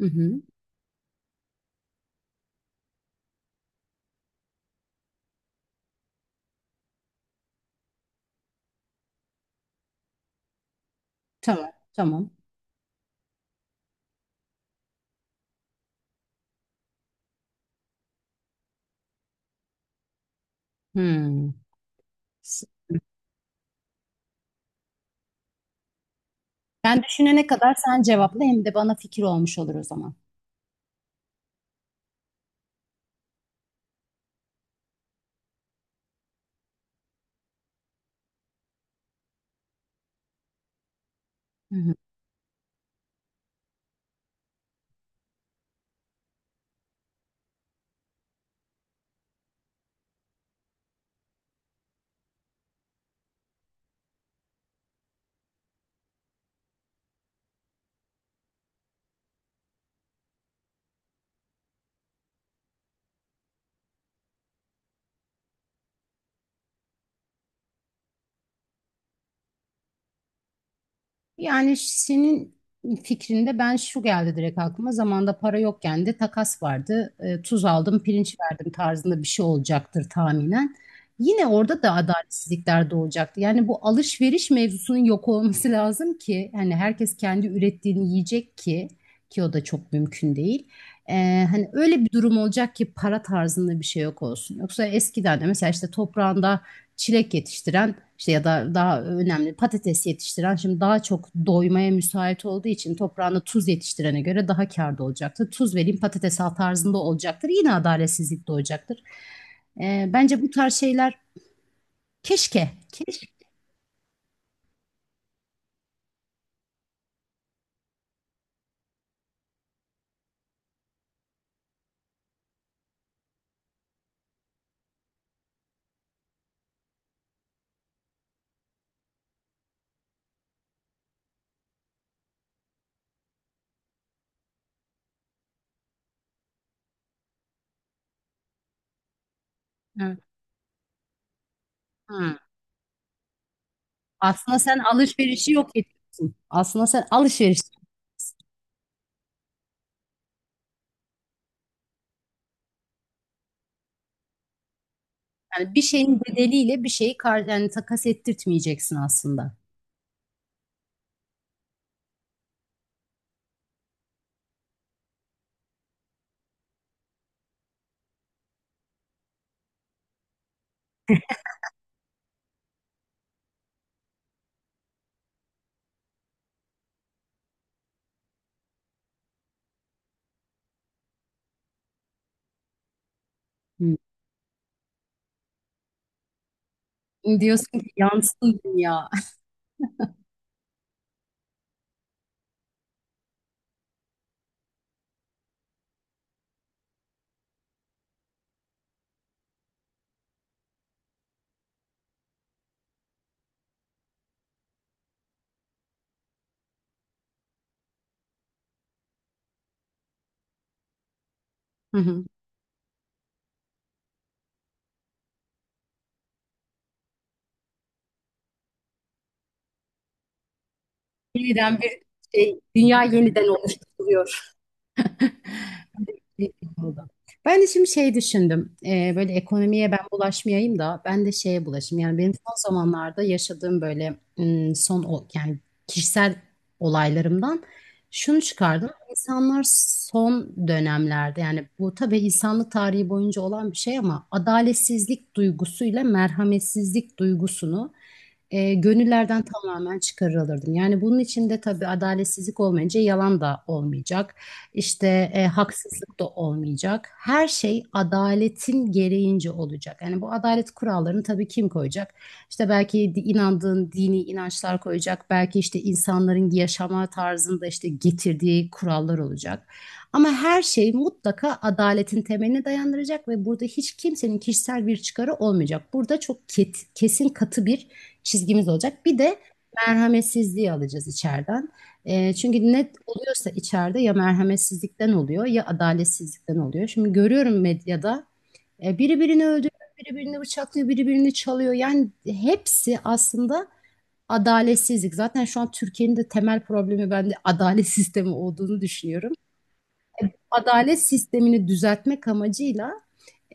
Hı hı. Tamam, tamam. Hmm. S- Ben düşünene kadar sen cevapla, hem de bana fikir olmuş olur o zaman. Hı hı. Yani senin fikrinde ben şu geldi direkt aklıma. Zamanda para yokken de takas vardı. Tuz aldım, pirinç verdim tarzında bir şey olacaktır tahminen. Yine orada da adaletsizlikler doğacaktı. Yani bu alışveriş mevzusunun yok olması lazım ki hani herkes kendi ürettiğini yiyecek ki o da çok mümkün değil. Hani öyle bir durum olacak ki para tarzında bir şey yok olsun. Yoksa eskiden de mesela işte toprağında çilek yetiştiren, işte ya da daha önemli patates yetiştiren şimdi daha çok doymaya müsait olduğu için toprağında tuz yetiştirene göre daha kârda olacaktır. Tuz vereyim patates al tarzında olacaktır. Yine adaletsizlik doğacaktır. Bence bu tarz şeyler keşke. Keşke. Evet. Hı. Aslında sen alışverişi yok ediyorsun. Aslında sen alışveriş, yani bir şeyin bedeliyle bir şeyi kar, yani takas ettirtmeyeceksin aslında. Hı. Diyorsun ki yansın dünya. Yeniden dünya yeniden oluşturuluyor. Bir film oldu. Ben de şimdi şey düşündüm. Böyle ekonomiye ben bulaşmayayım da ben de şeye bulaşayım. Yani benim son zamanlarda yaşadığım böyle yani kişisel olaylarımdan şunu çıkardım. İnsanlar son dönemlerde, yani bu tabii insanlık tarihi boyunca olan bir şey, ama adaletsizlik duygusuyla merhametsizlik duygusunu gönüllerden tamamen çıkarılırdım. Yani bunun içinde tabii adaletsizlik olmayınca yalan da olmayacak. İşte haksızlık da olmayacak. Her şey adaletin gereğince olacak. Yani bu adalet kurallarını tabii kim koyacak? İşte belki inandığın dini inançlar koyacak. Belki işte insanların yaşama tarzında işte getirdiği kurallar olacak. Ama her şey mutlaka adaletin temeline dayandıracak ve burada hiç kimsenin kişisel bir çıkarı olmayacak. Burada çok kesin katı bir çizgimiz olacak. Bir de merhametsizliği alacağız içeriden. Çünkü net oluyorsa içeride ya merhametsizlikten oluyor ya adaletsizlikten oluyor. Şimdi görüyorum medyada biri birini öldürüyor, biri birini bıçaklıyor, biri birini çalıyor. Yani hepsi aslında adaletsizlik. Zaten şu an Türkiye'nin de temel problemi ben de adalet sistemi olduğunu düşünüyorum. Adalet sistemini düzeltmek amacıyla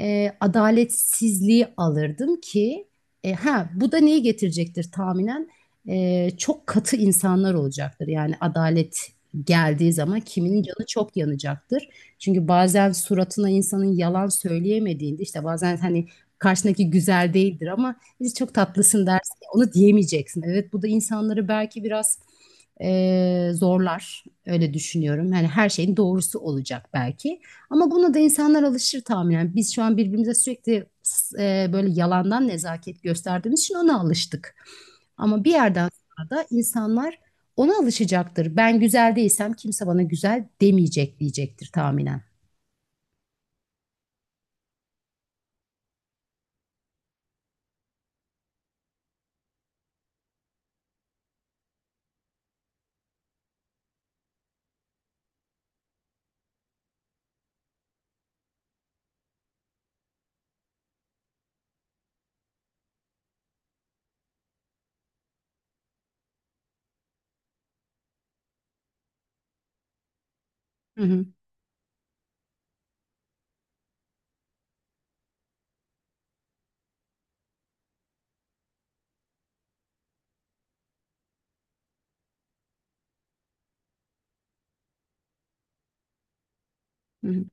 adaletsizliği alırdım ki ha bu da neyi getirecektir tahminen. Çok katı insanlar olacaktır. Yani adalet geldiği zaman kiminin canı çok yanacaktır. Çünkü bazen suratına insanın yalan söyleyemediğinde, işte bazen hani karşındaki güzel değildir ama biz çok tatlısın dersin ya, onu diyemeyeceksin. Evet, bu da insanları belki biraz zorlar öyle düşünüyorum. Yani her şeyin doğrusu olacak belki. Ama buna da insanlar alışır tahminen. Biz şu an birbirimize sürekli böyle yalandan nezaket gösterdiğimiz için ona alıştık. Ama bir yerden sonra da insanlar ona alışacaktır. Ben güzel değilsem kimse bana güzel demeyecek diyecektir tahminen. Hı hı. Hı hı.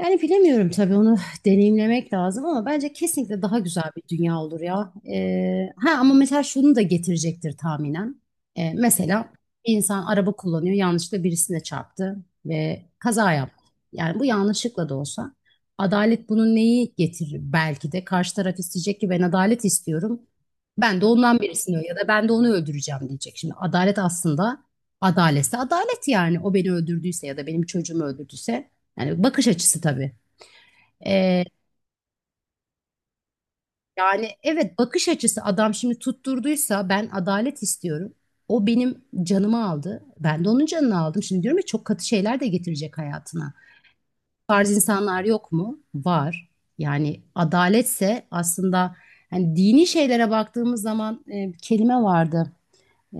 Yani bilemiyorum tabii, onu deneyimlemek lazım, ama bence kesinlikle daha güzel bir dünya olur ya. Ha ama mesela şunu da getirecektir tahminen. Mesela bir insan araba kullanıyor, yanlışlıkla birisine çarptı ve kaza yaptı. Yani bu yanlışlıkla da olsa adalet bunun neyi getirir, belki de karşı taraf isteyecek ki ben adalet istiyorum. Ben de ondan birisini ya da ben de onu öldüreceğim diyecek. Şimdi adalet aslında adaletse adalet, yani o beni öldürdüyse ya da benim çocuğumu öldürdüyse, yani bakış açısı tabii. Ee, Yani evet, bakış açısı, adam şimdi tutturduysa ben adalet istiyorum. O benim canımı aldı. Ben de onun canını aldım. Şimdi diyorum ya çok katı şeyler de getirecek hayatına. Bu tarz insanlar yok mu? Var. Yani adaletse aslında hani dini şeylere baktığımız zaman bir kelime vardı.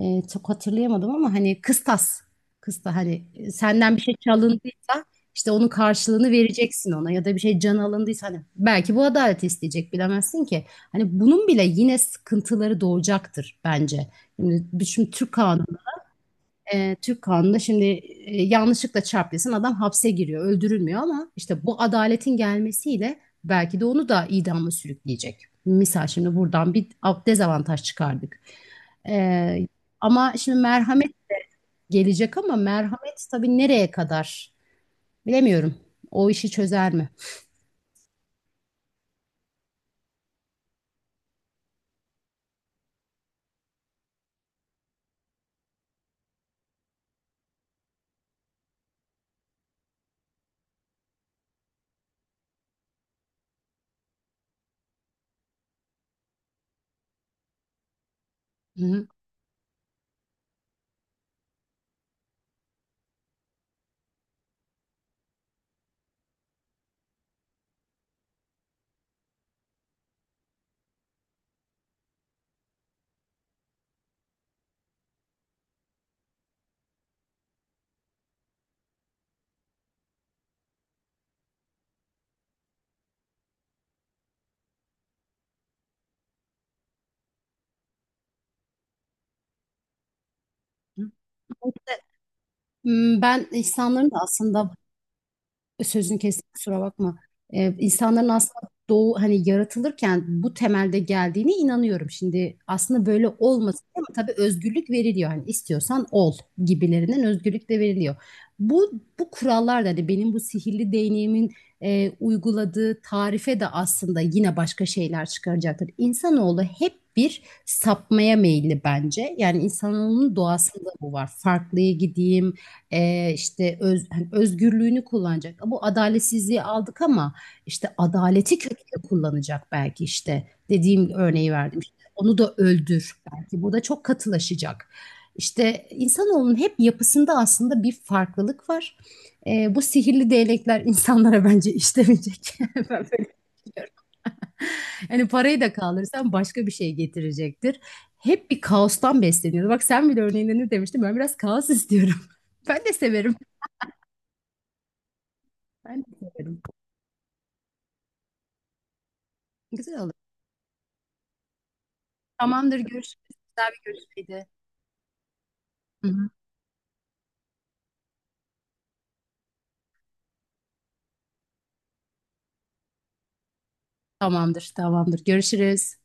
Çok hatırlayamadım ama hani kıstas. Kısta hani senden bir şey çalındıysa işte onun karşılığını vereceksin ona, ya da bir şey can alındıysa hani belki bu adaleti isteyecek bilemezsin ki. Hani bunun bile yine sıkıntıları doğacaktır bence. Şimdi, Türk kanunu Türk kanununda şimdi yanlışlıkla çarpılsın adam, hapse giriyor, öldürülmüyor, ama işte bu adaletin gelmesiyle belki de onu da idama sürükleyecek. Misal şimdi buradan bir dezavantaj çıkardık. E, Ama şimdi merhamet gelecek, ama merhamet tabii nereye kadar bilemiyorum. O işi çözer mi? Hı hı. Ben insanların da aslında sözünü kestim, kusura bakma. İnsanların aslında doğu hani yaratılırken bu temelde geldiğine inanıyorum. Şimdi aslında böyle olmasın, ama tabii özgürlük veriliyor. Hani istiyorsan ol gibilerinden özgürlük de veriliyor. Bu bu kurallar da hani benim bu sihirli değneğimin uyguladığı tarife de aslında yine başka şeyler çıkaracaktır. İnsanoğlu hep bir sapmaya meyilli bence. Yani insanoğlunun doğasında bu var. Farklıya gideyim, işte özgürlüğünü kullanacak. Bu adaletsizliği aldık, ama işte adaleti kötüye kullanacak belki işte. Dediğim örneği verdim. İşte onu da öldür. Belki bu da çok katılaşacak. İşte insanoğlunun hep yapısında aslında bir farklılık var. Bu sihirli değnekler insanlara bence işlemeyecek. Ben böyle düşünüyorum. Yani parayı da kaldırırsan başka bir şey getirecektir. Hep bir kaostan besleniyoruz. Bak sen bile örneğinde ne demiştin? Ben biraz kaos istiyorum. Ben de severim. Ben de severim. Güzel olur. Tamamdır, görüşürüz. Güzel bir görüşmeydi. Hı hı. Tamamdır, görüşürüz.